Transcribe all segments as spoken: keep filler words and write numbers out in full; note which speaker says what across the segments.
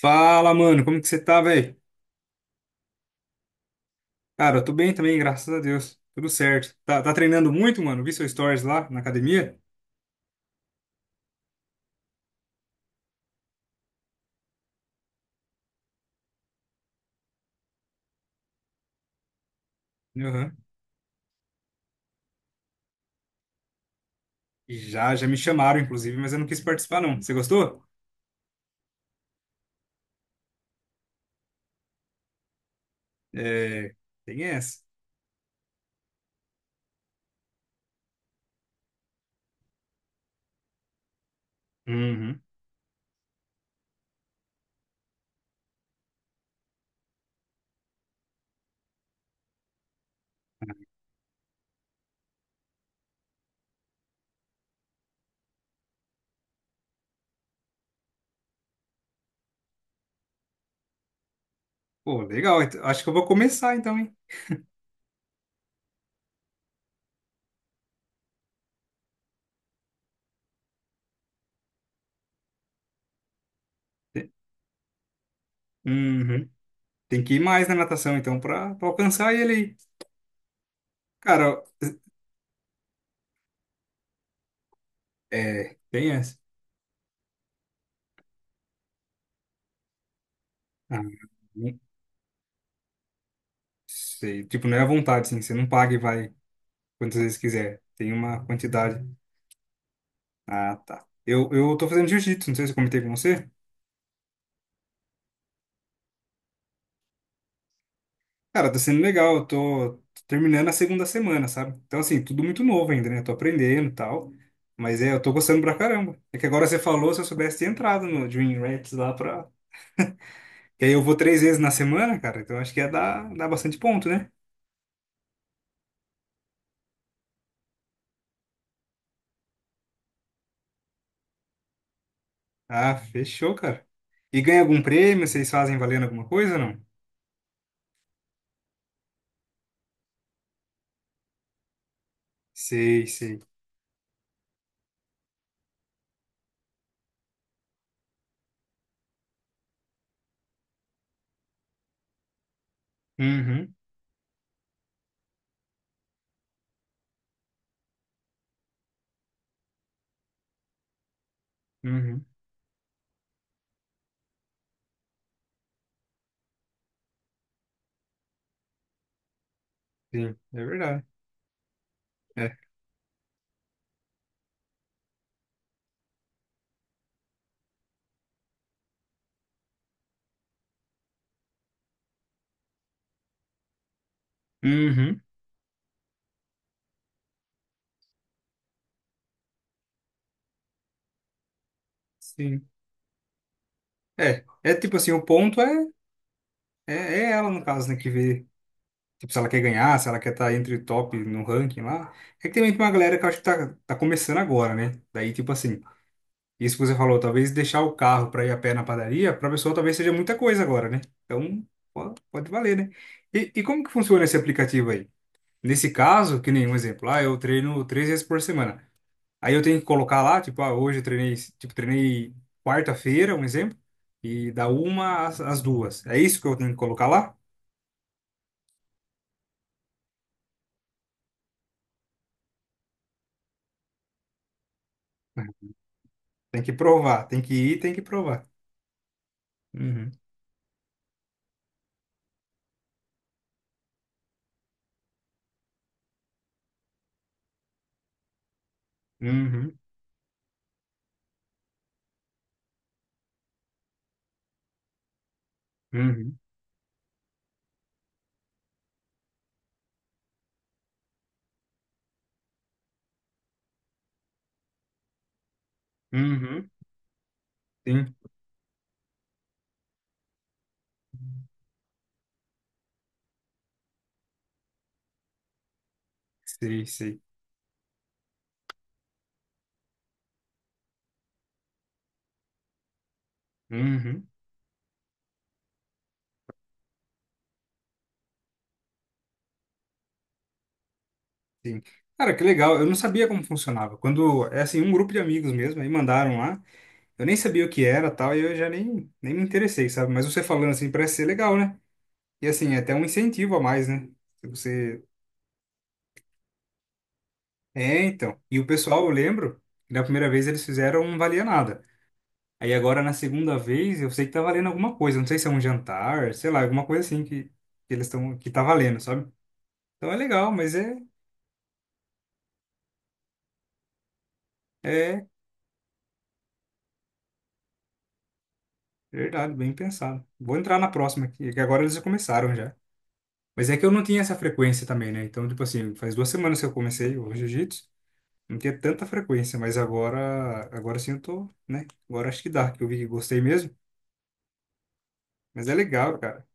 Speaker 1: Fala, mano, como que você tá, velho? Cara, eu tô bem também, graças a Deus. Tudo certo. Tá, tá treinando muito, mano? Vi seu stories lá na academia. Aham. Já, já me chamaram, inclusive, mas eu não quis participar, não. Você gostou? É, tem essa. Uhum. Pô, legal. Então, acho que eu vou começar, então, hein? Te- Uhum. Tem que ir mais na natação, então, pra, pra alcançar ele aí. Cara, é, tem essa. Ah, não sei. Tipo, não é à vontade, assim. Você não paga e vai quantas vezes quiser. Tem uma quantidade. Ah, tá. Eu, eu tô fazendo jiu-jitsu, não sei se eu comentei com você. Cara, tá sendo legal, eu tô terminando a segunda semana, sabe? Então, assim, tudo muito novo ainda, né? Tô aprendendo e tal. Mas é, eu tô gostando pra caramba. É que agora você falou, se eu soubesse ter entrado no Dream Rats lá pra. Que aí eu vou três vezes na semana, cara, então acho que ia dar, dar bastante ponto, né? Ah, fechou, cara. E ganha algum prêmio? Vocês fazem valendo alguma coisa ou não? Sei, sei. Uhum, uhum. Sim, é verdade. É. Uhum, sim. É, é tipo assim, o ponto é É, é ela, no caso, né, que vê, tipo, se ela quer ganhar, se ela quer estar entre o top no ranking lá. É que também tem uma galera que eu acho que tá, tá começando agora, né? Daí, tipo assim, isso que você falou, talvez deixar o carro pra ir a pé na padaria, pra pessoa talvez seja muita coisa agora, né? Então, pode, pode valer, né? E, e como que funciona esse aplicativo aí? Nesse caso, que nem um exemplo, ah, eu treino três vezes por semana. Aí eu tenho que colocar lá, tipo, ah, hoje eu treinei, tipo, treinei quarta-feira, um exemplo, e da uma às, às duas. É isso que eu tenho que colocar lá? Tem que provar, tem que ir, tem que provar. Uhum, uhum, uhum, uhum. Sim, sei, sei. Uhum, sim. Cara, que legal. Eu não sabia como funcionava. Quando, é assim, um grupo de amigos mesmo, aí mandaram lá. Eu nem sabia o que era, tal, e eu já nem, nem me interessei, sabe? Mas você falando assim, parece ser legal, né? E assim, é até um incentivo a mais, né? Se você. É, então. E o pessoal, eu lembro, que da primeira vez eles fizeram um valia nada. Aí agora na segunda vez, eu sei que tá valendo alguma coisa, não sei se é um jantar, sei lá, alguma coisa assim que, que eles estão que tá valendo, sabe? Então é legal, mas é é verdade, bem pensado. Vou entrar na próxima aqui, que agora eles já começaram já. Mas é que eu não tinha essa frequência também, né? Então, tipo assim, faz duas semanas que eu comecei o jiu-jitsu, não tinha tanta frequência, mas agora agora sim eu tô, né? Agora acho que dá, que eu vi que gostei mesmo, mas é legal, cara.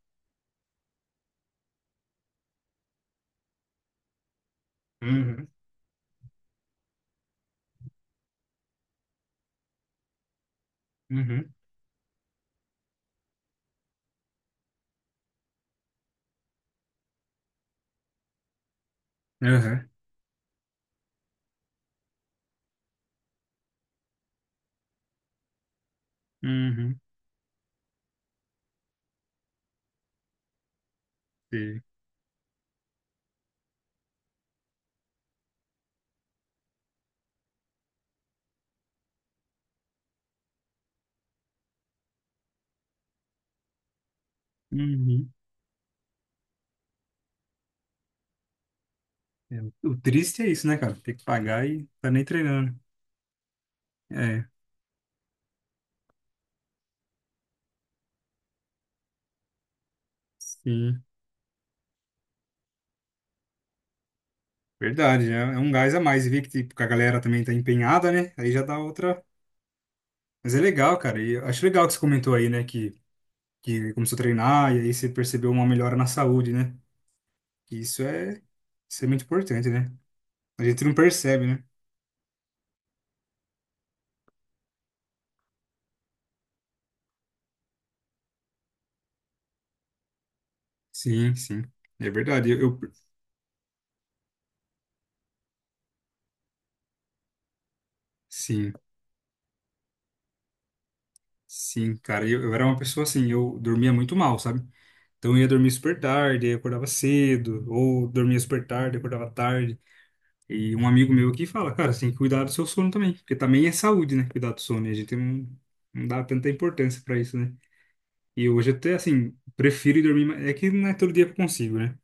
Speaker 1: Uhum, uhum, uhum, uhum, sim. Uhum. É, o triste é isso, né, cara? Tem que pagar e tá nem treinando. É, sim. Verdade, é é um gás a mais. E ver que, tipo, que a galera também tá empenhada, né? Aí já dá outra. Mas é legal, cara. E eu acho legal que você comentou aí, né? Que, que começou a treinar e aí você percebeu uma melhora na saúde, né? E Isso é isso é muito importante, né? A gente não percebe, né? Sim, sim. É verdade. Eu, eu- sim, sim, cara. Eu, eu era uma pessoa assim, eu dormia muito mal, sabe? Então eu ia dormir super tarde, aí eu acordava cedo, ou dormia super tarde, acordava tarde. E um amigo meu aqui fala, cara, você tem que cuidar do seu sono também, porque também é saúde, né? Cuidar do sono, e a gente não, não dá tanta importância pra isso, né? E hoje até, assim, prefiro ir dormir, mais- é que não é todo dia que eu consigo, né?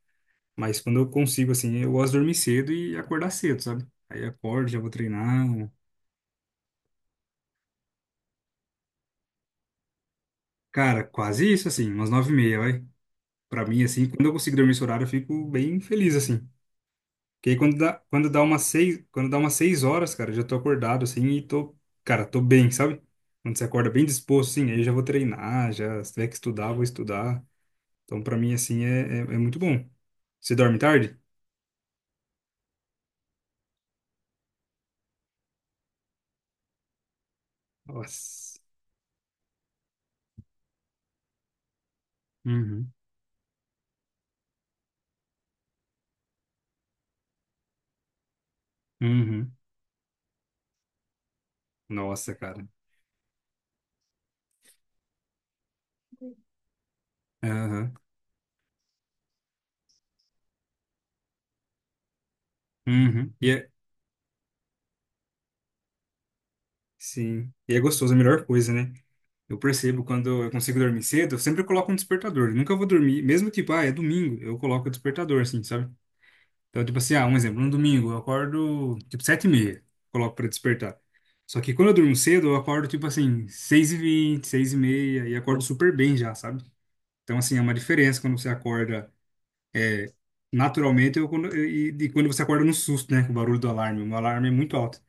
Speaker 1: Mas quando eu consigo, assim, eu gosto de dormir cedo e acordar cedo, sabe? Aí eu acordo, já vou treinar. Cara, quase isso, assim, umas nove e meia, vai. Pra mim, assim, quando eu consigo dormir esse horário, eu fico bem feliz, assim. Porque aí quando dá, quando dá umas seis, quando dá umas seis horas, cara, eu já tô acordado assim e tô, cara, tô bem, sabe? Quando você acorda bem disposto, assim, aí eu já vou treinar, já se tiver que estudar, vou estudar. Então, pra mim, assim, é, é, é muito bom. Você dorme tarde? Nossa. Uhum. Uhum. Nossa, cara. Aham. Uhum. E é, sim. E é gostoso, é a melhor coisa, né? Eu percebo quando eu consigo dormir cedo, eu sempre coloco um despertador. Eu nunca vou dormir, mesmo tipo, ah, é domingo, eu coloco o despertador, assim, sabe? Então, tipo assim, ah, um exemplo, no domingo eu acordo tipo sete e meia, coloco pra despertar. Só que quando eu durmo cedo, eu acordo tipo assim, seis e vinte, seis e meia, e acordo super bem já, sabe? Então, assim, é uma diferença quando você acorda naturalmente ou quando, e, e quando você acorda no susto, né? Com o barulho do alarme. O meu alarme é muito alto.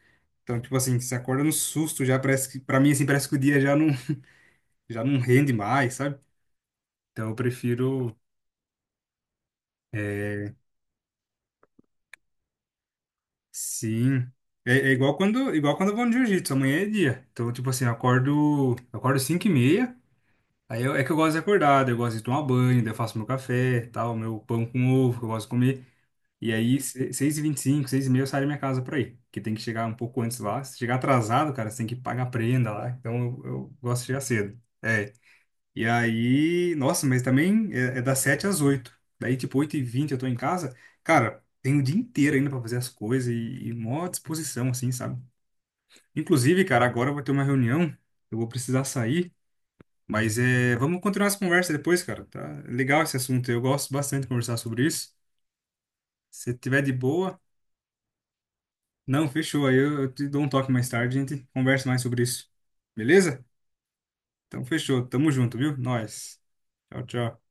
Speaker 1: Então, tipo assim, você acorda no susto, já parece que, pra mim, assim, parece que o dia já não, já não, rende mais, sabe? Então, eu prefiro é, sim. É, é igual quando, igual quando, eu vou no jiu-jitsu, amanhã é dia. Então, tipo assim, eu acordo, eu acordo cinco e meia, aí eu- é que eu gosto de acordar, daí eu gosto de tomar banho, daí eu faço meu café, tal, meu pão com ovo, que eu gosto de comer. E aí, seis e vinte e cinco, seis e meia eu saio da minha casa pra ir, que tem que chegar um pouco antes lá. Se chegar atrasado, cara, você tem que pagar a prenda lá. Então, eu, eu gosto de chegar cedo. É, e aí, nossa, mas também é, é das sete às oito. Daí, tipo, oito e vinte, eu tô em casa. Cara, tem o dia inteiro ainda pra fazer as coisas e, e mó disposição, assim, sabe? Inclusive, cara, agora eu vou ter uma reunião. Eu vou precisar sair. Mas é, vamos continuar essa conversa depois, cara. Tá. É legal esse assunto. Eu gosto bastante de conversar sobre isso. Se tiver de boa, não, fechou. Aí eu, eu te dou um toque mais tarde, a gente conversa mais sobre isso. Beleza? Então, fechou. Tamo junto, viu? Nós. Tchau, tchau.